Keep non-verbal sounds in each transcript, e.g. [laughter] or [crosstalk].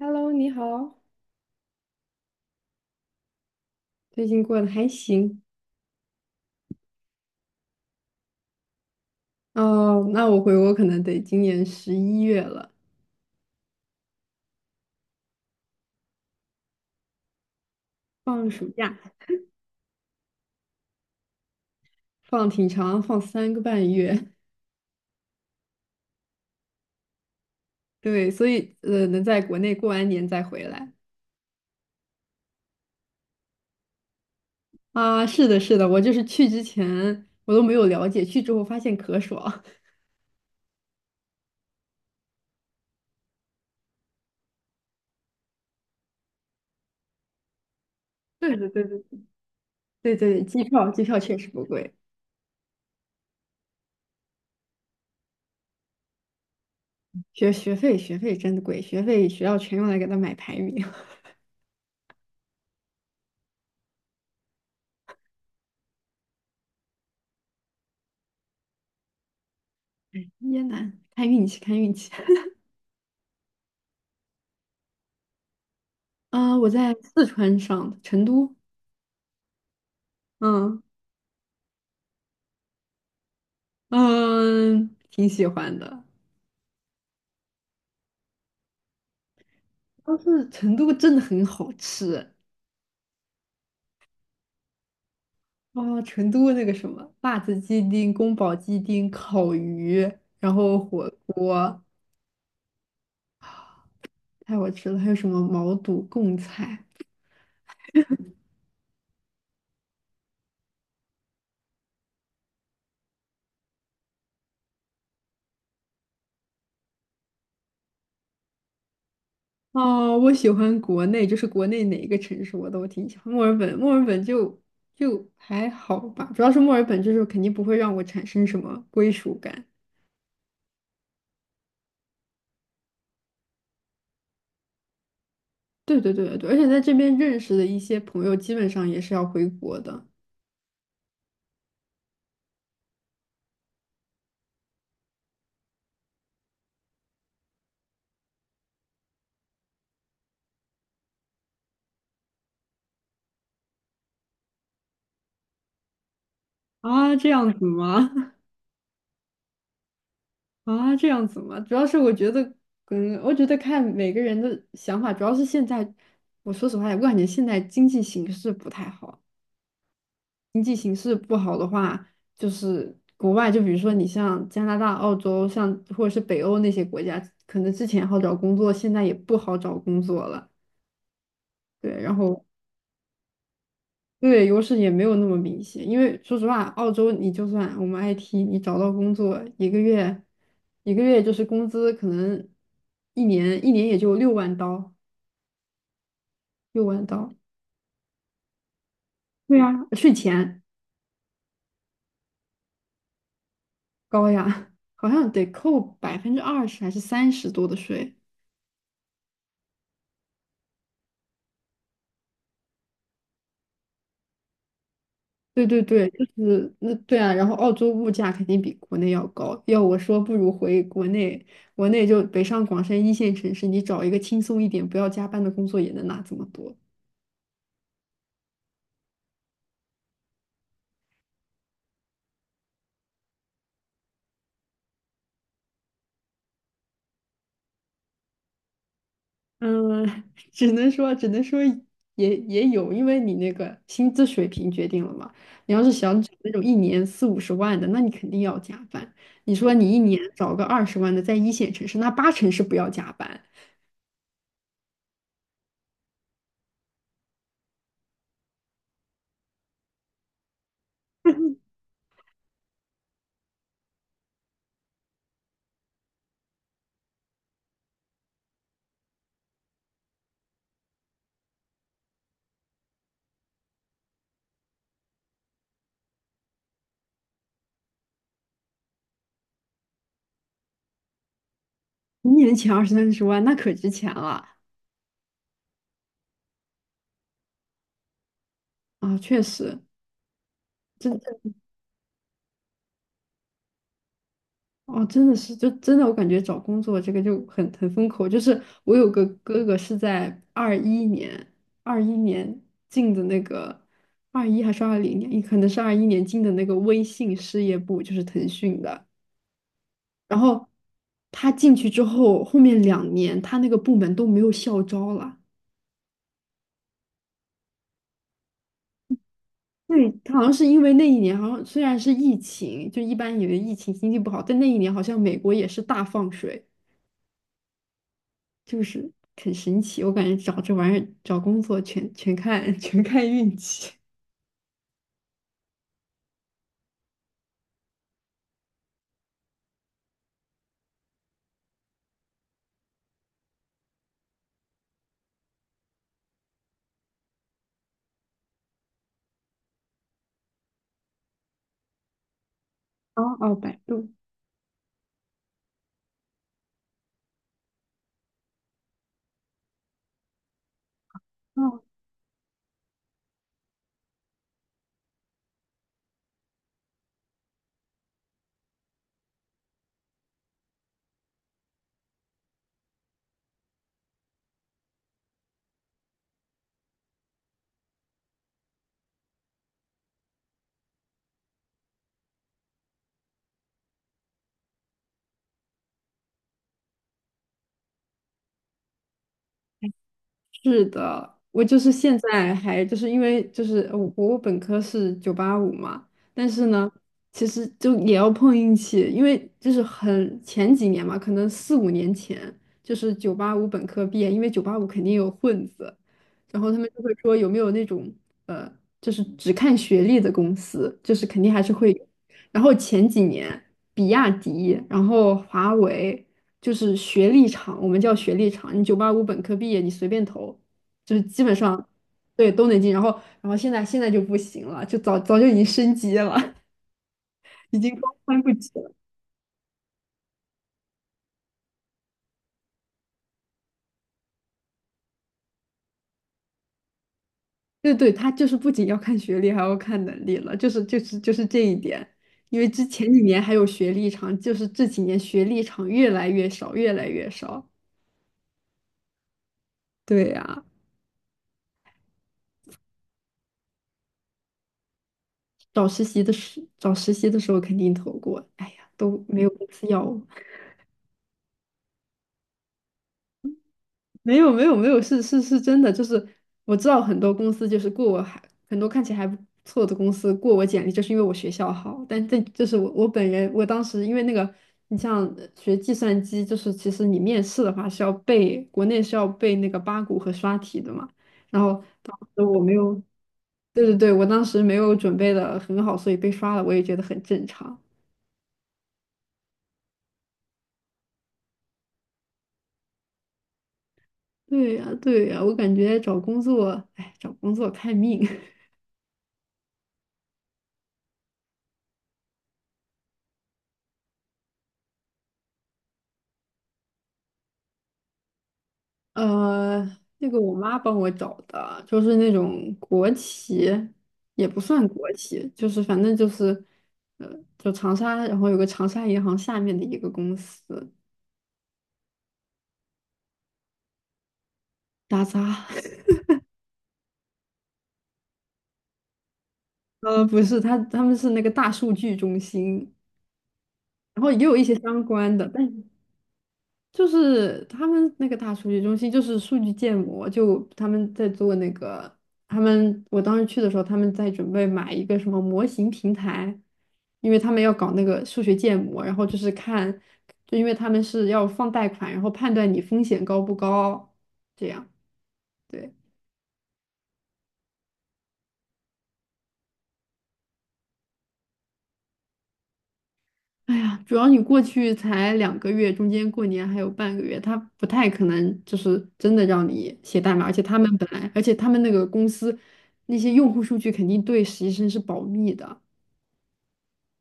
Hello，你好，最近过得还行？哦，那我回国可能得今年11月了，放暑假，放挺长，放3个半月。[laughs] 对，所以能在国内过完年再回来。啊？是的，是的，我就是去之前我都没有了解，去之后发现可爽。[laughs] 对对对对对对，机票确实不贵，学费真的贵，学费学校全用来给他买排名。[laughs] 椰南，看运气看运气。[laughs] 啊、我在四川上的成都，嗯。嗯，挺喜欢的。但是成都真的很好吃。啊，成都那个什么辣子鸡丁、宫保鸡丁、烤鱼，然后火锅太好吃了，还有什么毛肚、贡菜。啊？我喜欢国内，就是国内哪一个城市我都挺喜欢。墨尔本就还好吧，主要是墨尔本就是肯定不会让我产生什么归属感。对对对对对，而且在这边认识的一些朋友，基本上也是要回国的。啊，这样子吗？[laughs] 啊，这样子吗？主要是我觉得，嗯，我觉得看每个人的想法，主要是现在，我说实话，我感觉现在经济形势不太好。经济形势不好的话，就是国外，就比如说你像加拿大、澳洲，像或者是北欧那些国家，可能之前好找工作，现在也不好找工作了。对，然后对，优势也没有那么明显，因为说实话，澳洲你就算我们 IT，你找到工作一个月就是工资可能一年也就六万刀，六万刀，对呀，税前高呀，[laughs] 好像得扣20%还是三十多的税。对对对，就是那对啊，然后澳洲物价肯定比国内要高，要我说不如回国内，国内就北上广深一线城市，你找一个轻松一点、不要加班的工作也能拿这么多。嗯，[laughs] 只能说也有，因为你那个薪资水平决定了嘛。你要是想找那种一年四五十万的，那你肯定要加班。你说你一年找个20万的，在一线城市，那八成是不要加班。一年前二三十万，那可值钱了。啊！确实，这。哦，真的是，就真的，我感觉找工作这个就很风口。就是我有个哥哥是在二一年，二一年进的那个，二一还是二零年，也可能是二一年进的那个微信事业部，就是腾讯的。然后他进去之后，后面2年他那个部门都没有校招了。对，他好像是因为那一年，好像虽然是疫情，就一般以为疫情经济不好，但那一年好像美国也是大放水。就是很神奇。我感觉找这玩意儿找工作全看 [laughs] 全看运气。哦哦，百度。哦，是的，我就是现在还就是因为就是我本科是九八五嘛，但是呢，其实就也要碰运气，因为就是很前几年嘛，可能四五年前就是九八五本科毕业，因为九八五肯定有混子，然后他们就会说有没有那种呃，就是只看学历的公司，就是肯定还是会有。然后前几年，比亚迪，然后华为，就是学历厂，我们叫学历厂，你九八五本科毕业，你随便投，就是基本上，对，都能进。然后现在就不行了，就早早就已经升级了，[laughs] 已经高攀不起了。对对，他就是不仅要看学历，还要看能力了，就是这一点。因为之前几年还有学历厂，就是这几年学历厂越来越少，越来越少。对呀、找实习的时候肯定投过，哎呀，都没有公司要我。[laughs] 没有没有没有，是是是真的，就是我知道很多公司就是过我还很多看起来还不错的公司过我简历，就是因为我学校好。但这就是我本人，我当时因为那个，你像学计算机，就是其实你面试的话是要背，国内是要背那个八股和刷题的嘛。然后当时我没有，对对对，我当时没有准备的很好，所以被刷了，我也觉得很正常。对呀，对呀，我感觉找工作，哎，找工作看命。[laughs] 呃，那个我妈帮我找的，就是那种国企，也不算国企，就是反正就是，呃，就长沙，然后有个长沙银行下面的一个公司，打杂。[laughs] 不是，他们是那个大数据中心，然后也有一些相关的，但就是他们那个大数据中心就是数据建模，就他们在做那个，他们我当时去的时候，他们在准备买一个什么模型平台，因为他们要搞那个数学建模，然后就是看，就因为他们是要放贷款，然后判断你风险高不高，这样。对。哎呀，主要你过去才2个月，中间过年还有半个月，他不太可能就是真的让你写代码，而且他们本来，而且他们那个公司那些用户数据肯定对实习生是保密的，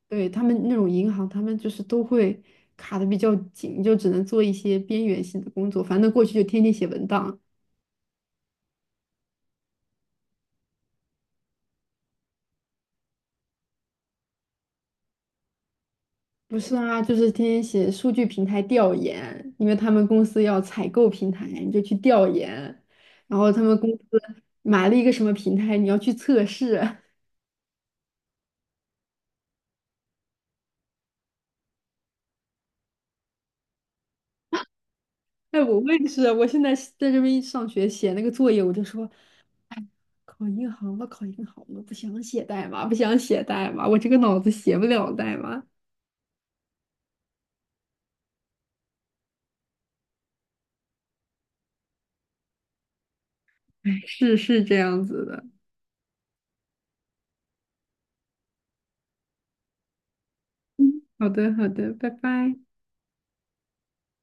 对他们那种银行，他们就是都会卡的比较紧，就只能做一些边缘性的工作，反正过去就天天写文档。不是啊，就是天天写数据平台调研，因为他们公司要采购平台，你就去调研，然后他们公司买了一个什么平台，你要去测试。[laughs] 哎，我也是，我现在是在这边一上学写那个作业，我就说考银行吧，考银行吧，不想写代码，不想写代码，我这个脑子写不了代码。哎，是是这样子的。嗯，好的好的，拜拜。